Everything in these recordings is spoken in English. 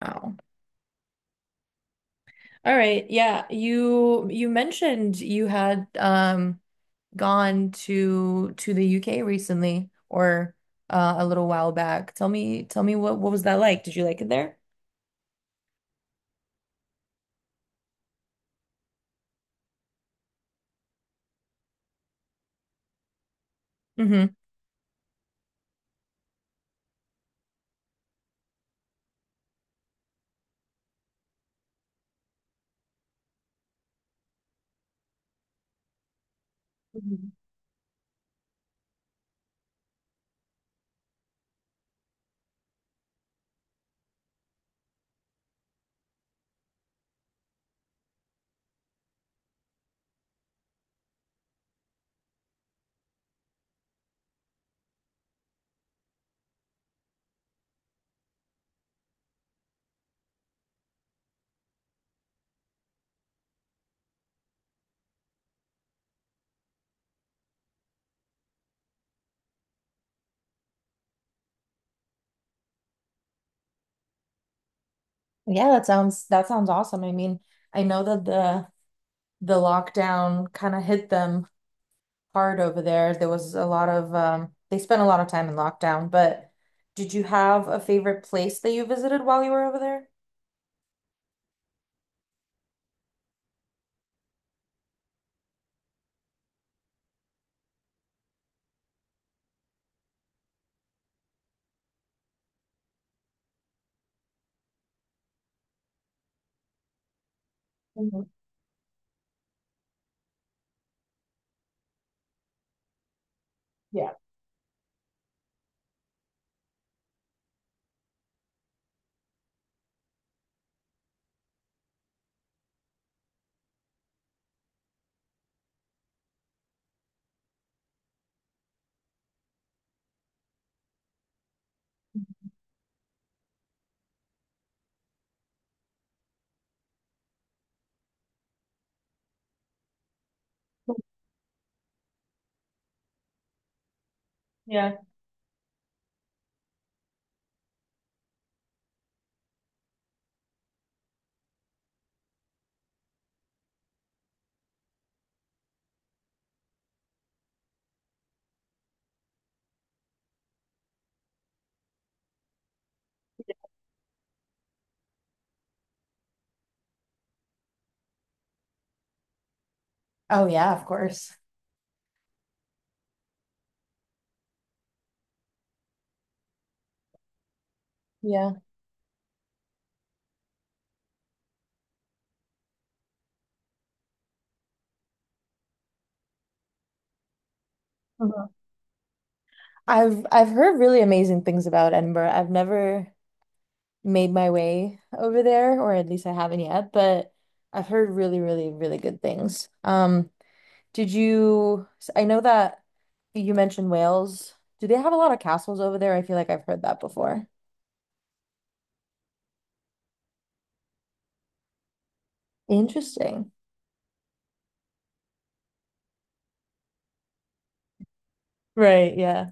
Wow. All right. Yeah, you mentioned you had gone to the UK recently or a little while back. Tell me what was that like? Did you like it there? Mm-hmm. Mhm. Yeah, that sounds awesome. I mean, I know that the lockdown kind of hit them hard over there. There was a lot of they spent a lot of time in lockdown, but did you have a favorite place that you visited while you were over there? Mhm. Yeah. Yeah. Oh yeah, of course. Yeah. Mhm. I've heard really amazing things about Edinburgh. I've never made my way over there, or at least I haven't yet, but I've heard really, really, really good things. Did you, I know that you mentioned Wales. Do they have a lot of castles over there? I feel like I've heard that before. Interesting. Right, yeah.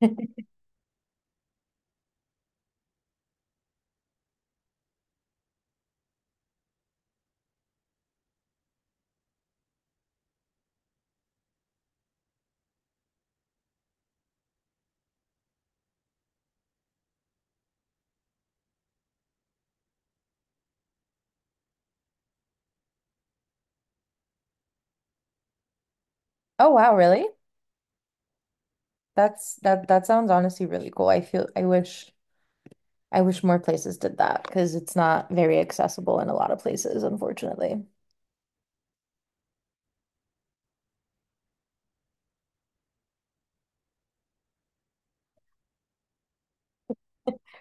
Oh wow, really? That sounds honestly really cool. I feel I wish more places did that because it's not very accessible in a lot of places, unfortunately.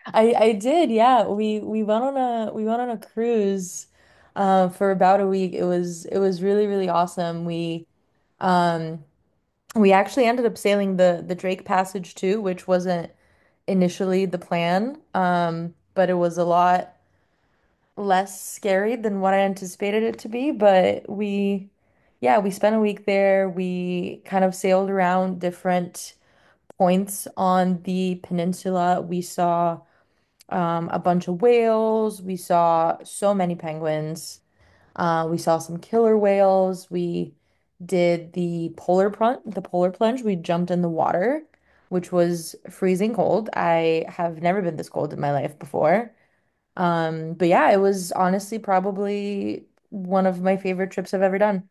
I did, yeah. We went on a cruise for about a week. It was really, really awesome. Um we actually ended up sailing the Drake Passage too, which wasn't initially the plan. But it was a lot less scary than what I anticipated it to be. But we yeah, we spent a week there. We kind of sailed around different points on the peninsula. We saw a bunch of whales. We saw so many penguins. We saw some killer whales. We did the polar plunge, We jumped in the water, which was freezing cold. I have never been this cold in my life before. But yeah, it was honestly probably one of my favorite trips I've ever done.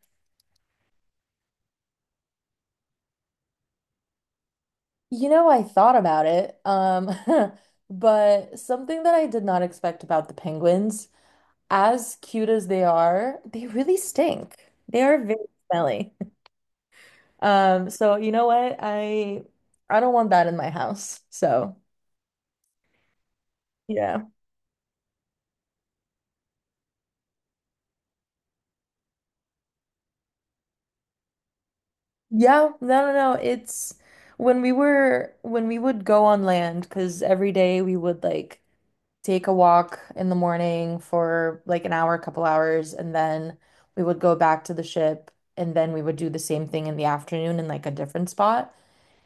You know, I thought about it, but something that I did not expect about the penguins as cute as they are, they really stink. They are very smelly. So you know what? I don't want that in my house. So yeah. Yeah, no, no, no. It's when we would go on land, because every day we would like take a walk in the morning for like an hour, a couple hours, and then we would go back to the ship and then we would do the same thing in the afternoon in like a different spot.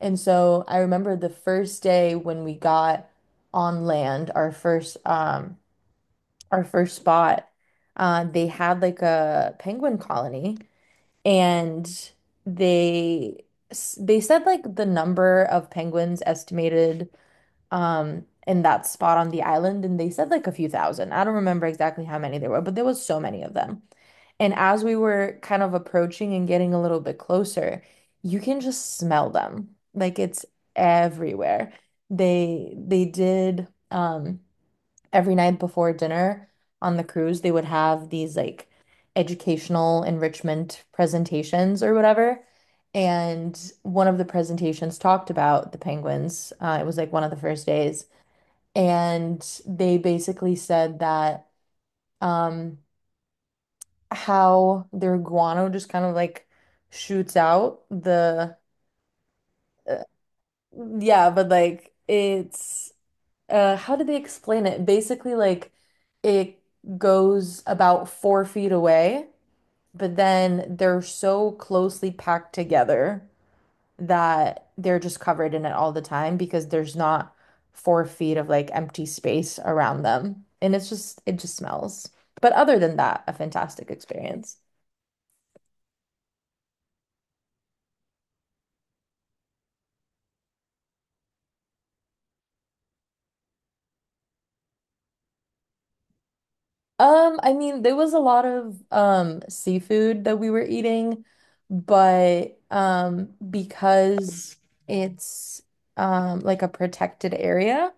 And so I remember the first day when we got on land, our first spot, they had like a penguin colony and they they said like the number of penguins estimated in that spot on the island and they said like a few thousand. I don't remember exactly how many there were, but there was so many of them. And as we were kind of approaching and getting a little bit closer, you can just smell them. Like it's everywhere. They did every night before dinner on the cruise, they would have these like educational enrichment presentations or whatever. And one of the presentations talked about the penguins. It was like one of the first days. And they basically said that um, how their guano just kind of like shoots out the, uh, yeah, but like it's, how did they explain it? Basically, like it goes about 4 feet away, but then they're so closely packed together that they're just covered in it all the time because there's not 4 feet of like empty space around them. And it's just, it just smells. But other than that, a fantastic experience. I mean, there was a lot of seafood that we were eating, but because it's like a protected area,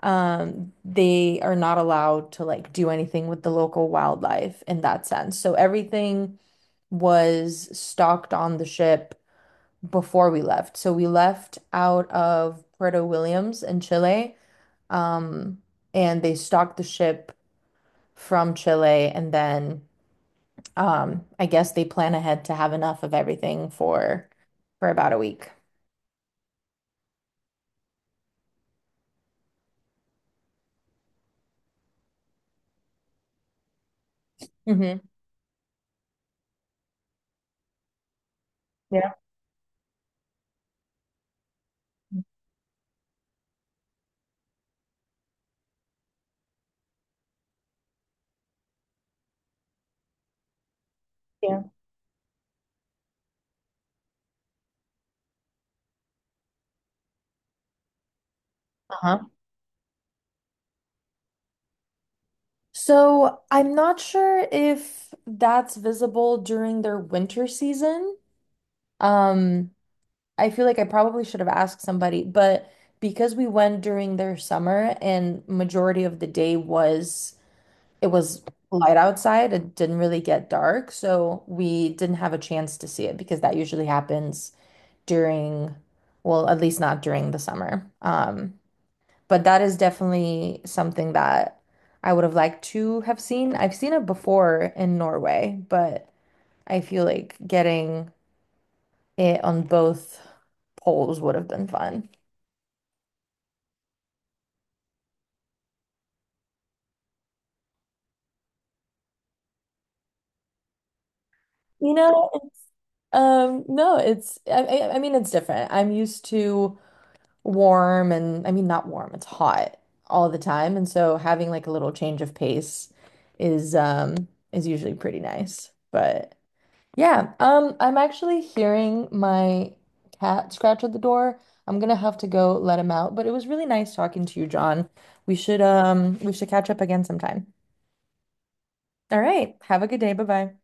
they are not allowed to like do anything with the local wildlife in that sense. So everything was stocked on the ship before we left. So we left out of Puerto Williams in Chile, um, and they stocked the ship from Chile, and then I guess they plan ahead to have enough of everything for about a week. Hmm. Yeah. Yeah. Uh-huh. So I'm not sure if that's visible during their winter season. Um, I feel like I probably should have asked somebody, but because we went during their summer and majority of the day was it was light outside, it didn't really get dark, so we didn't have a chance to see it because that usually happens during, well, at least not during the summer. But that is definitely something that I would have liked to have seen. I've seen it before in Norway, but I feel like getting it on both poles would have been fun. You know, it's, no, it's, I mean, it's different. I'm used to warm and, I mean, not warm, it's hot all the time. And so having like a little change of pace is, um, is usually pretty nice. But yeah, I'm actually hearing my cat scratch at the door. I'm gonna have to go let him out, but it was really nice talking to you, John. We should catch up again sometime. All right, have a good day. Bye-bye.